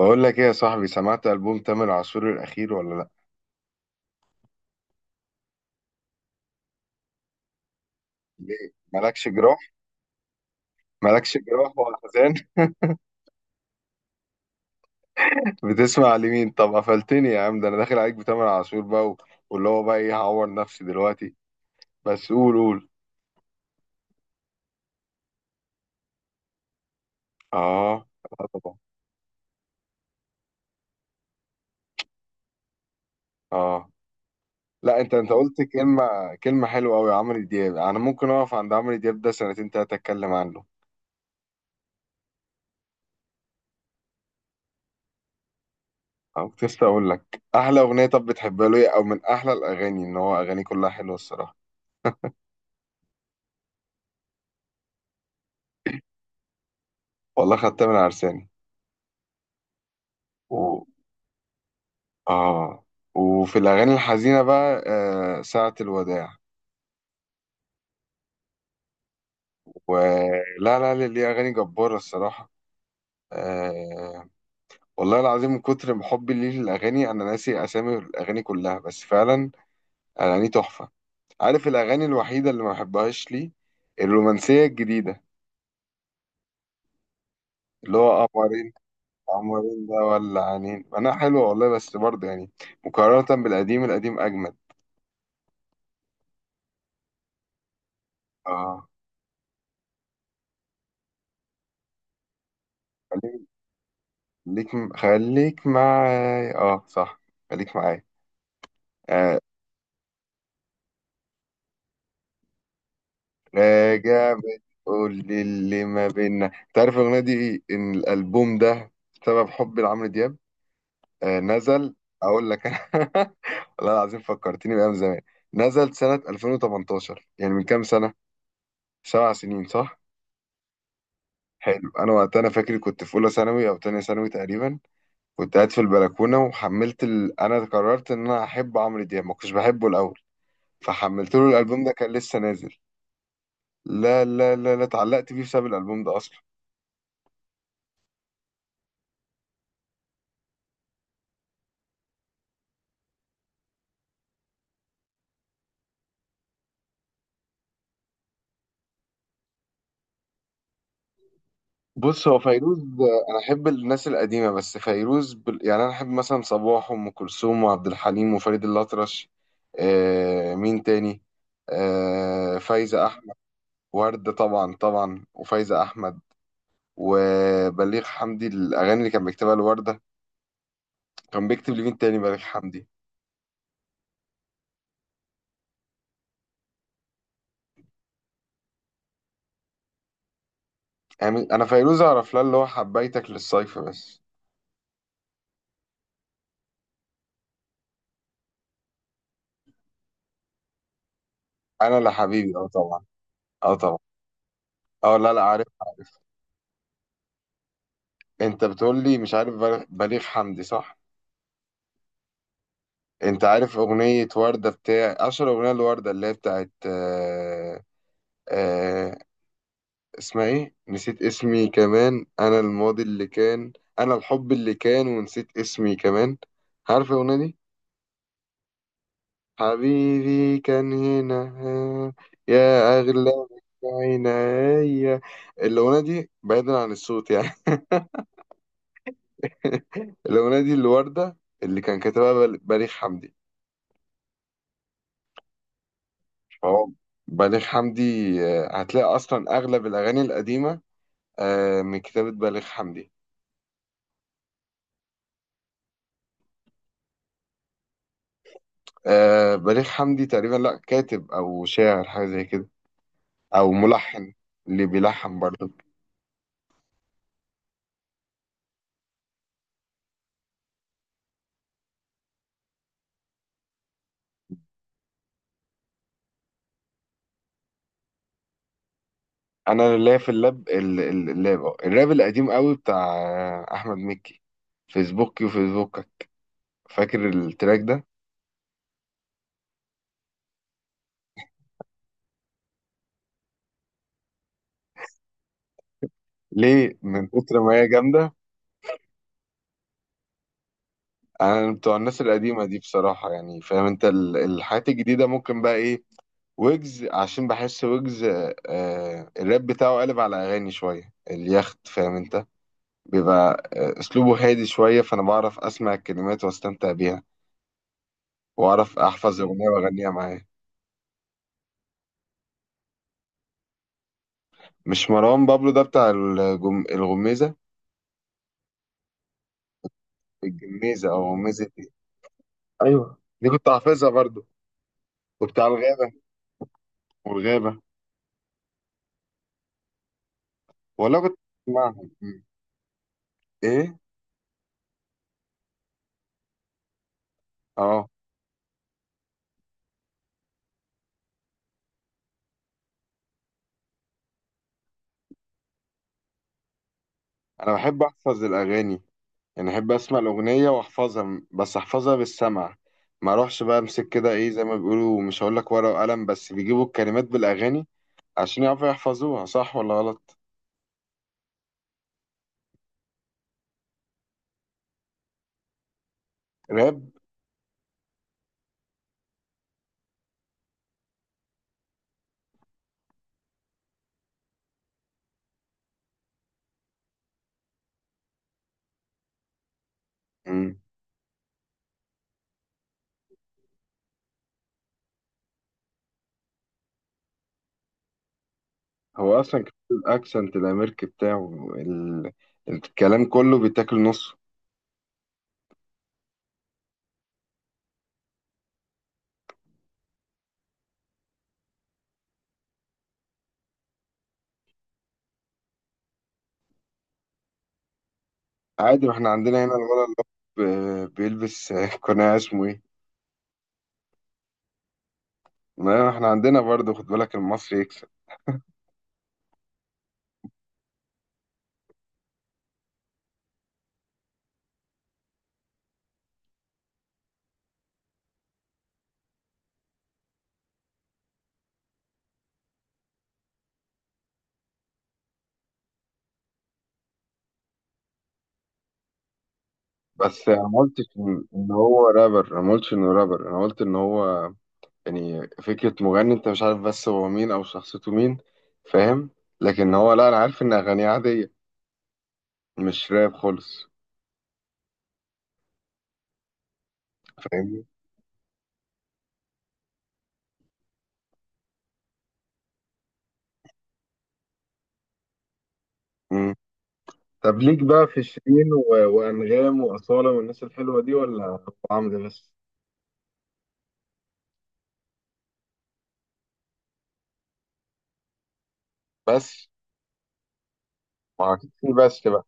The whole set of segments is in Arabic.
بقول لك ايه يا صاحبي، سمعت ألبوم تامر عاشور الأخير ولا لأ؟ ليه؟ مالكش جراح؟ مالكش جراح ولا حزان؟ بتسمع لمين؟ طب قفلتني يا عم، ده أنا داخل عليك بتامر عاشور بقى واللي هو بقى إيه، هعور نفسي دلوقتي. بس قول قول. آه. آه طبعا. آه لا، أنت قلت كلمة، كلمة حلوة أوي. عمرو دياب أنا ممكن أقف عند عمرو دياب ده سنتين تلاتة أتكلم عنه. أو كنت لسه أقول لك، أحلى أغنية طب بتحبها له إيه؟ أو من أحلى الأغاني، إن هو أغانيه كلها حلوة الصراحة. والله خدتها من عرساني. اه وفي الاغاني الحزينه بقى آه ساعه الوداع، ولا لا لا، ليه اغاني جباره الصراحه. آه والله العظيم من كتر حبي ليه للاغاني انا ناسي اسامي الاغاني كلها، بس فعلا اغاني تحفه. عارف الاغاني الوحيده اللي ما بحبهاش ليه؟ الرومانسيه الجديده، اللي هو قمرين. قمرين ده ولا عنين انا حلوه والله، بس برضه يعني مقارنه بالقديم، القديم اجمد. اه خليك، خليك معايا، اه صح، خليك معايا. آه، راجع. بتقول لي اللي ما بينا، انت عارف الاغنيه دي ان الالبوم ده بسبب حبي لعمرو دياب. آه، نزل. اقول لك انا والله العظيم فكرتني بايام زمان. نزل سنه 2018، يعني من كام سنه، 7 سنين صح. حلو. انا وقتها انا فاكر كنت في اولى ثانوي او تانية ثانوي تقريبا، كنت قاعد في البلكونه وحملت انا قررت ان انا احب عمرو دياب، ما كنتش بحبه الاول، فحملت له الالبوم ده كان لسه نازل. لا، اتعلقت بيه بسبب الالبوم ده اصلا. بص هو فيروز آه، انا احب الناس القديمه، بس فيروز يعني انا احب مثلا صباح وام كلثوم وعبد الحليم وفريد الاطرش. آه مين تاني، آه فايزه احمد. ورده طبعا طبعا، وفايزه احمد وبليغ حمدي الاغاني اللي كان بيكتبها لورده. كان بيكتب لمين تاني بليغ حمدي؟ يعني انا فيروز اعرف لها اللي هو حبيتك للصيف بس. انا لا حبيبي، اه طبعا. اه طبعا. اه لا لا، عارف عارف. انت بتقول لي مش عارف بليغ حمدي صح. انت عارف اغنية وردة بتاع اشهر اغنية لوردة اللي هي بتاعت آه... آه... اسمها ايه، نسيت اسمي كمان. انا الماضي اللي كان، انا الحب اللي كان ونسيت اسمي كمان. عارف الاغنية دي، حبيبي كان هنا آه، يا اغلى عينيا. الاغنية دي بعيدا عن الصوت يعني الأغنية دي الوردة اللي كان كاتبها بليغ حمدي. فهو بليغ حمدي آه، هتلاقي أصلا أغلب الأغاني القديمة آه من كتابة بليغ حمدي. آه بليغ حمدي تقريبا لا كاتب أو شاعر حاجة زي كده، أو ملحن، اللي بيلحن برضه. أنا اللي في اللاب اللاب آه. الراب القديم قوي بتاع آه، أحمد مكي، فيسبوكي وفيسبوكك. فاكر التراك ده؟ ليه من كتر ما هي جامدة. أنا بتوع الناس القديمة دي بصراحة، يعني فاهم أنت الحاجات الجديدة ممكن بقى إيه، ويجز، عشان بحس ويجز آه الراب بتاعه قلب على أغاني شوية اليخت فاهم أنت، بيبقى آه، اسلوبه هادي شويه، فانا بعرف اسمع الكلمات واستمتع بيها واعرف احفظ الاغنيه واغنيها معاه. مش مروان بابلو ده بتاع الغميزه. الجميزه او غميزه إيه؟ ايوه دي كنت حافظها برضو. وبتاع الغابه، والغابه. والله كنت بسمعهم. مم. ايه. اه. انا بحب احفظ الاغاني، يعني احب اسمع الاغنيه واحفظها بس احفظها بالسمع. ما اروحش بقى امسك كده ايه زي ما بيقولوا، مش هقول لك ورقه وقلم، بس بيجيبوا الكلمات بالاغاني عشان يعرفوا يحفظوها صح ولا غلط. راب. مم. هو اصلا كمان الاكسنت الامريكي بتاعه الكلام كله بيتاكل نصه. عادي، ما احنا عندنا هنا الولد اللي هو بيلبس قناع اسمه ايه، ما احنا عندنا برضه، خد بالك المصري يكسب. بس انا ما قلتش إن هو رابر، انا ما قلتش انه رابر، انا قلت ان هو يعني فكرة مغني انت مش عارف بس هو مين او شخصيته مين، فاهم. لكن هو لا انا عارف ان اغانيه عادية، مش راب خالص، فاهمني. طب ليك بقى في شيرين وأنغام وأصالة والناس الحلوة دي ولا أبو عمرو بس؟ بس ما اكيد في بس بقى.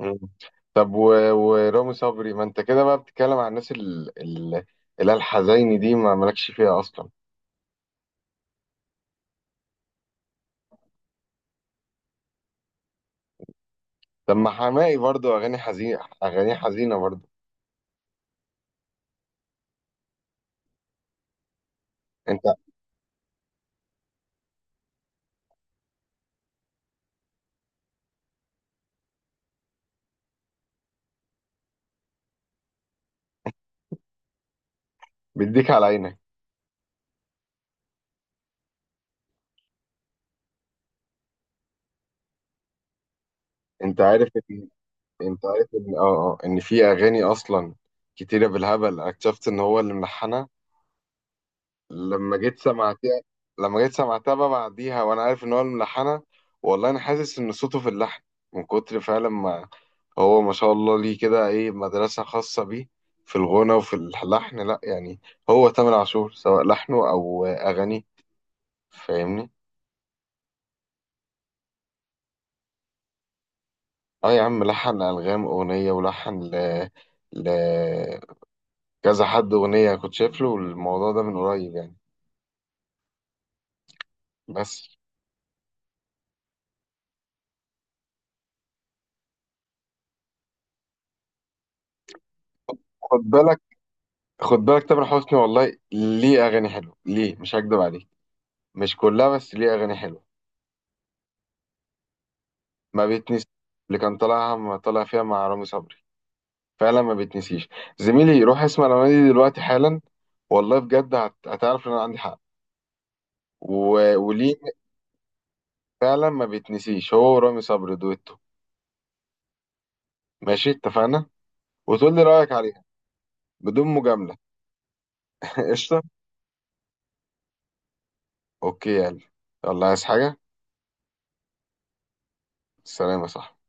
مم. طب ورامي صبري، ما انت كده بقى بتتكلم عن الناس اللي هي الحزيني دي ما مالكش فيها اصلا. طب ما حماقي برضو اغاني حزينه، اغاني حزينه برضو. انت بيديك على عينك. انت عارف ان... انت عارف ان ان في اغاني اصلا كتيره بالهبل اكتشفت ان هو اللي ملحنها لما جيت سمعتها. لما جيت سمعتها بقى بعديها وانا عارف ان هو الملحنة، والله انا حاسس ان صوته في اللحن من كتر فعلا ما هو ما شاء الله، ليه كده ايه مدرسة خاصة بيه في الغنى وفي اللحن لا يعني. هو تامر عاشور سواء لحنه او اغانيه، فاهمني. اه يا عم لحن الغام اغنية، ولحن ل... كذا حد اغنية، كنت شايف له الموضوع ده من قريب يعني. بس خد بالك، خد بالك تامر حسني والله ليه اغاني حلوه، ليه مش هكدب عليك، مش كلها بس ليه اغاني حلوه. ما بيتنسي، اللي كان طالعها، ما طالع فيها مع رامي صبري، فعلا ما بيتنسيش. زميلي روح اسمع الاغاني دي دلوقتي حالا، والله بجد هتعرف ان انا عندي حق. وليه فعلا ما بيتنسيش هو ورامي صبري دويتو. ماشي اتفقنا، وتقول لي رايك عليها بدون مجامله. قشطه. اوكي يلا، يلا عايز حاجه؟ سلام يا صاحبي.